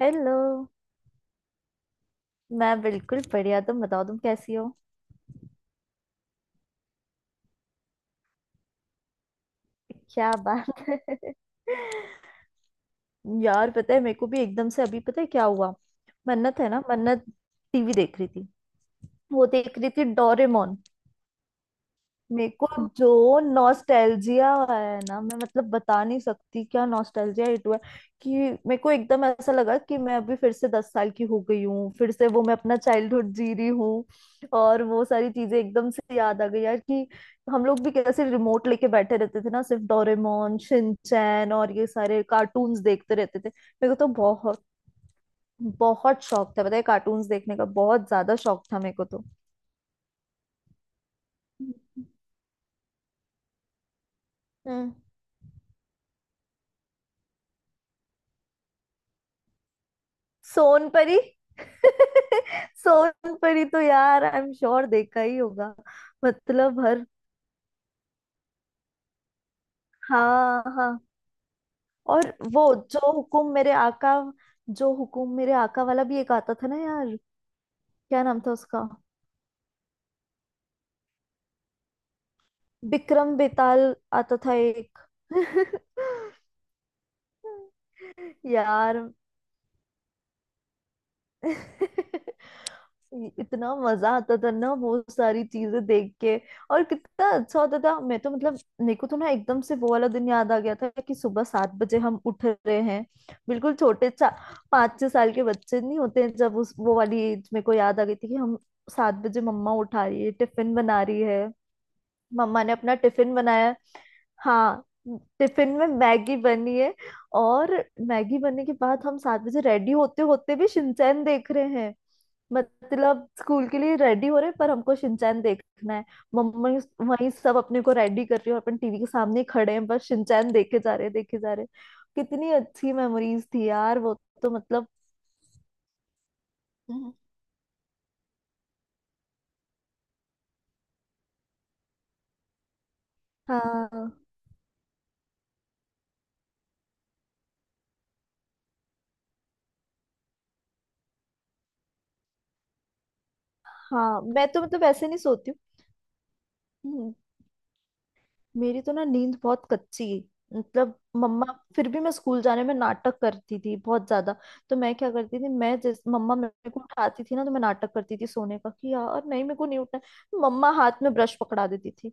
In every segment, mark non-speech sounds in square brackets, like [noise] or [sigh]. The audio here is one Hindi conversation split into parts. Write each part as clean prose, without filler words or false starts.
हेलो। मैं बिल्कुल बढ़िया। तुम बताओ, तुम कैसी हो? क्या बात है। [laughs] यार, पता है मेरे को भी एकदम से अभी, पता है क्या हुआ? मन्नत है ना, मन्नत। टीवी देख रही थी। वो देख रही थी डोरेमोन। मेरे को जो नॉस्टैल्जिया है ना, मैं मतलब बता नहीं सकती क्या नॉस्टैल्जिया हिट हुआ है कि मेरे को एकदम ऐसा लगा कि मैं अभी फिर से 10 साल की हो गई हूँ। फिर से वो मैं अपना चाइल्डहुड जी रही हूँ। और वो सारी चीजें एकदम से याद आ गई यार कि हम लोग भी कैसे रिमोट लेके बैठे रहते थे ना, सिर्फ डोरेमोन, शिनचैन और ये सारे कार्टून्स देखते रहते थे। मेरे को तो बहुत बहुत शौक था, पता है। कार्टून्स देखने का बहुत ज्यादा शौक था मेरे को तो। हम्म। सोनपरी। [laughs] सोनपरी तो यार आई एम श्योर देखा ही होगा। मतलब हर... हाँ हाँ। और वो जो हुकुम मेरे आका, जो हुकुम मेरे आका वाला भी एक आता था ना यार। क्या नाम था उसका? बिक्रम बेताल। आता था एक। [laughs] यार। [laughs] इतना मजा आता था ना वो सारी चीजें देख के। और कितना अच्छा होता था। मैं तो मतलब मेरे को तो ना एकदम से वो वाला दिन याद आ गया था कि सुबह 7 बजे हम उठ रहे हैं। बिल्कुल छोटे चा 5-6 साल के बच्चे नहीं होते हैं जब, उस वो वाली एज मेरे को याद आ गई थी कि हम 7 बजे मम्मा उठा रही है, टिफिन बना रही है। मम्मा ने अपना टिफिन बनाया। हाँ, टिफिन में मैगी बनी है। और मैगी बनने के बाद हम 7 बजे रेडी होते होते भी शिनचैन देख रहे हैं। मतलब स्कूल के लिए रेडी हो रहे हैं, पर हमको शिनचैन देखना है। मम्मा वहीं सब अपने को रेडी कर रही है, और अपन टीवी के सामने ही खड़े हैं, बस शिनचैन देखे जा रहे हैं, देखे जा रहे हैं। कितनी अच्छी मेमोरीज थी यार वो। तो मतलब... हम्म। हाँ हाँ। मैं तो मतलब ऐसे नहीं सोती हूँ। हम्म। मेरी तो ना नींद बहुत कच्ची। मतलब मम्मा... फिर भी मैं स्कूल जाने में नाटक करती थी बहुत ज्यादा। तो मैं क्या करती थी, मैं जैस... मम्मा मेरे को उठाती थी ना तो मैं नाटक करती थी सोने का कि यार नहीं, मेरे को नहीं उठना है। मम्मा हाथ में ब्रश पकड़ा देती थी।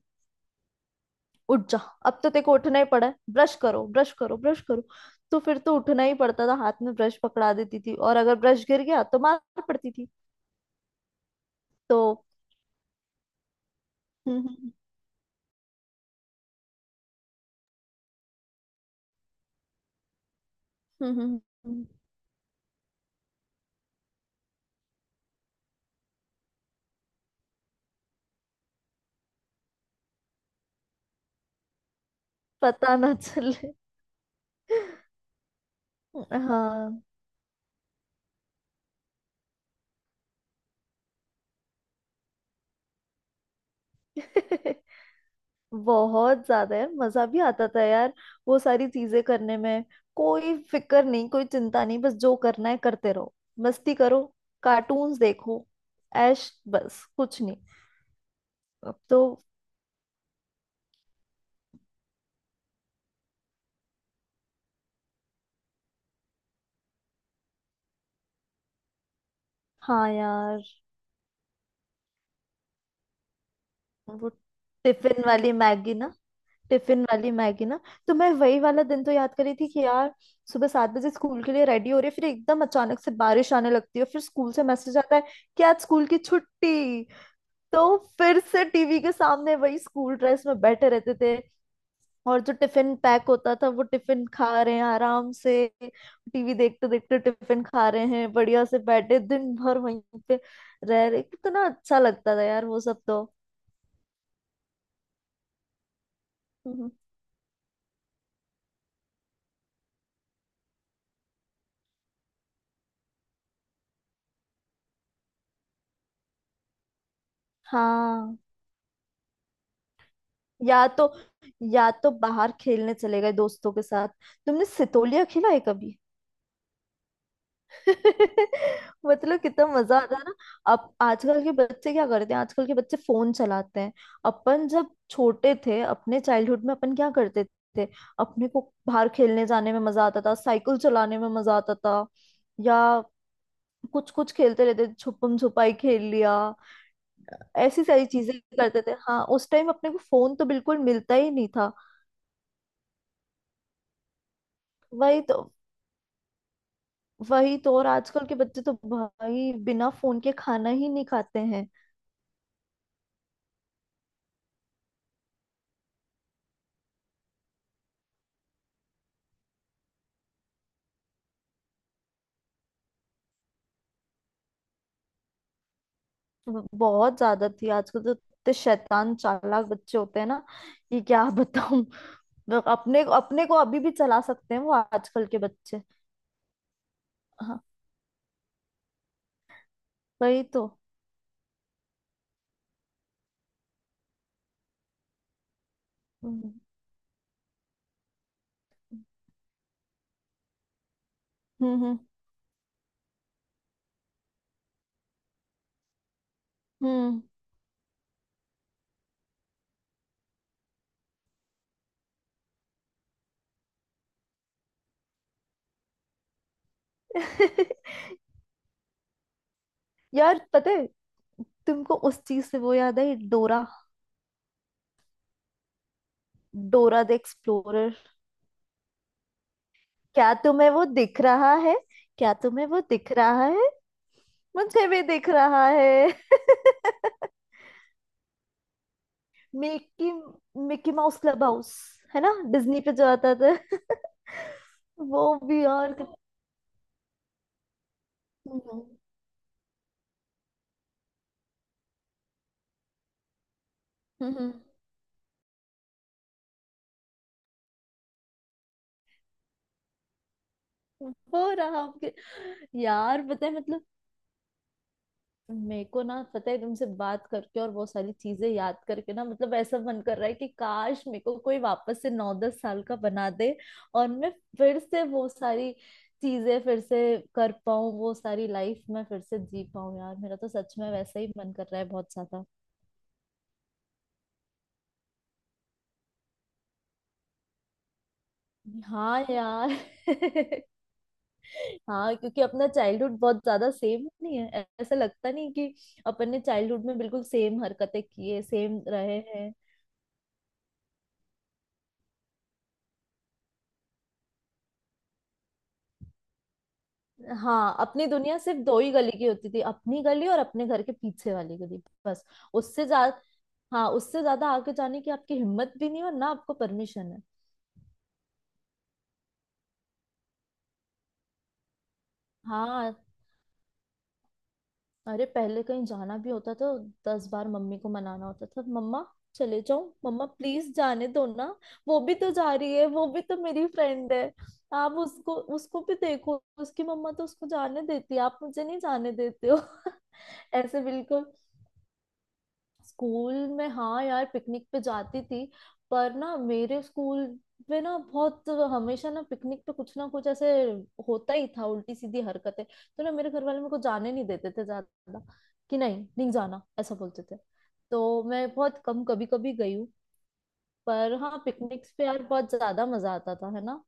उठ जा, अब तो तेरे को उठना ही पड़ा है। ब्रश करो, ब्रश करो, ब्रश करो। तो फिर तो उठना ही पड़ता था। हाथ में ब्रश पकड़ा देती थी, और अगर ब्रश गिर गया तो मार पड़ती थी तो। हम्म, हम्म। हम्म, हम्म, हम्म। पता ना चले। हाँ। [laughs] बहुत ज्यादा यार मजा भी आता था यार वो सारी चीजें करने में। कोई फिक्र नहीं, कोई चिंता नहीं, बस जो करना है करते रहो। मस्ती करो, कार्टून्स देखो, ऐश, बस कुछ नहीं। अब तो... हाँ यार। वो टिफिन वाली मैगी ना, टिफिन वाली मैगी ना। तो मैं वही वाला दिन तो याद करी थी कि यार सुबह 7 बजे स्कूल के लिए रेडी हो रही, फिर एकदम अचानक से बारिश आने लगती है, फिर स्कूल से मैसेज आता है कि आज स्कूल की छुट्टी। तो फिर से टीवी के सामने वही स्कूल ड्रेस में बैठे रहते थे, और जो टिफिन पैक होता था वो टिफिन खा रहे हैं आराम से। टीवी देखते देखते टिफिन खा रहे हैं, बढ़िया से बैठे दिन भर वहीं पे रह रहे। कितना अच्छा लगता था यार वो सब तो। हम्म। हाँ। या तो या तो बाहर खेलने चले गए दोस्तों के साथ। तुमने सितोलिया खेला है कभी? [laughs] मतलब कितना मजा आता है ना। अब आजकल के बच्चे क्या करते हैं? आजकल के बच्चे फोन चलाते हैं। अपन जब छोटे थे, अपने चाइल्डहुड में अपन क्या करते थे? अपने को बाहर खेलने जाने में मजा आता था, साइकिल चलाने में मजा आता था, या कुछ कुछ खेलते रहते थे, छुपम छुपाई खेल लिया, ऐसी सारी चीजें करते थे। हाँ, उस टाइम अपने को फोन तो बिल्कुल मिलता ही नहीं था। वही तो, वही तो। और आजकल के बच्चे तो भाई बिना फोन के खाना ही नहीं खाते हैं। बहुत ज्यादा थी। आजकल तो इतने शैतान, चालाक बच्चे होते हैं ना कि क्या बताऊं, लोग अपने... अपने को अभी भी चला सकते हैं वो आजकल के बच्चे। हाँ। वही तो। हम्म, हम्म, हम्म। [laughs] यार पता है, तुमको उस चीज से वो याद है, डोरा? Dora the explorer. क्या तुम्हें वो दिख रहा है? क्या तुम्हें वो दिख रहा है? मुझे भी दिख रहा है। [laughs] Mickey Mickey Mouse clubhouse. है ना, डिज्नी पे जो आता था। वो भी, और तो... कितना हो रहा आपके। यार पता है मतलब, मेरे को ना पता है, तुमसे बात करके और बहुत सारी चीजें याद करके ना, मतलब ऐसा मन कर रहा है कि काश मेरे को कोई वापस से 9-10 साल का बना दे, और मैं फिर से वो सारी चीजें फिर से कर पाऊं, वो सारी लाइफ मैं फिर से जी पाऊं यार। मेरा तो सच में वैसा ही मन कर रहा है बहुत ज्यादा। हाँ यार। [laughs] हाँ, क्योंकि अपना चाइल्डहुड बहुत ज्यादा सेम नहीं है। ऐसा लगता नहीं कि अपन ने चाइल्डहुड में बिल्कुल सेम हरकतें किए, सेम रहे हैं। हाँ, अपनी दुनिया सिर्फ दो ही गली की होती थी, अपनी गली और अपने घर के पीछे वाली गली, बस। उससे ज्यादा... हाँ, उससे ज्यादा आगे जाने की आपकी हिम्मत भी नहीं, और ना आपको परमिशन है। हाँ। अरे पहले कहीं जाना भी होता था, 10 बार मम्मी को मनाना होता था। मम्मा, चले जाओ मम्मा, प्लीज जाने दो ना। वो भी तो जा रही है, वो भी तो मेरी फ्रेंड है। आप उसको... उसको भी देखो, उसकी मम्मा तो उसको जाने देती है, आप मुझे नहीं जाने देते हो। [laughs] ऐसे बिल्कुल। स्कूल में हाँ यार, पिकनिक पे जाती थी। पर ना मेरे स्कूल में ना, बहुत हमेशा ना पिकनिक पे कुछ ना कुछ ऐसे होता ही था उल्टी सीधी हरकतें, तो ना मेरे घर वाले मेरे को जाने नहीं देते थे ज्यादा कि नहीं नहीं जाना, ऐसा बोलते थे। तो मैं बहुत कम, कभी कभी गई हूँ। पर हाँ, पिकनिक्स पे यार बहुत ज्यादा मजा आता था है ना।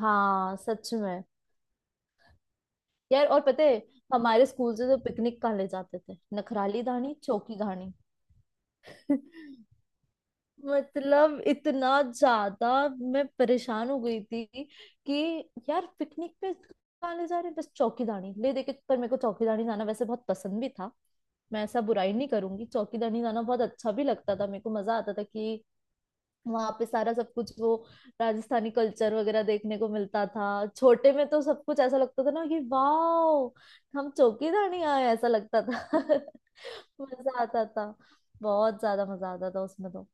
हाँ सच में। यार और पता है, हमारे स्कूल से तो पिकनिक कहाँ ले जाते थे, नखराली धानी, चौकी धानी। [laughs] मतलब इतना ज्यादा... मैं परेशान हो गई थी कि यार पिकनिक पे कहाँ ले जा रहे हैं, बस चौकीदानी ले देके। पर मेरे को चौकीदानी जाना वैसे बहुत पसंद भी था। मैं ऐसा बुराई नहीं करूंगी, चौकीदानी जाना बहुत अच्छा भी लगता था, मेरे को मजा आता था कि वहां पे सारा सब कुछ वो राजस्थानी कल्चर वगैरह देखने को मिलता था। छोटे में तो सब कुछ ऐसा लगता था ना कि वाह हम चौकीदानी आए, ऐसा लगता था। [laughs] मजा आता था, बहुत ज्यादा मजा आता था उसमें तो।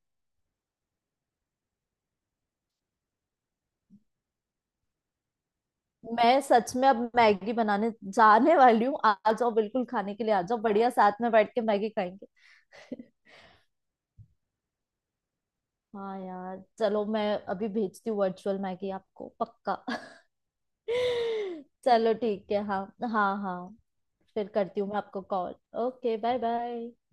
मैं सच में अब मैगी बनाने जाने वाली हूँ। आ... आ जाओ, बिल्कुल खाने के लिए आ जाओ, बढ़िया साथ में बैठ के मैगी खाएंगे। [laughs] हाँ यार, चलो, मैं अभी भेजती हूँ वर्चुअल मैगी आपको पक्का। [laughs] चलो ठीक है, हाँ। हाँ हाँ। फिर करती हूँ मैं आपको कॉल। Okay, bye bye.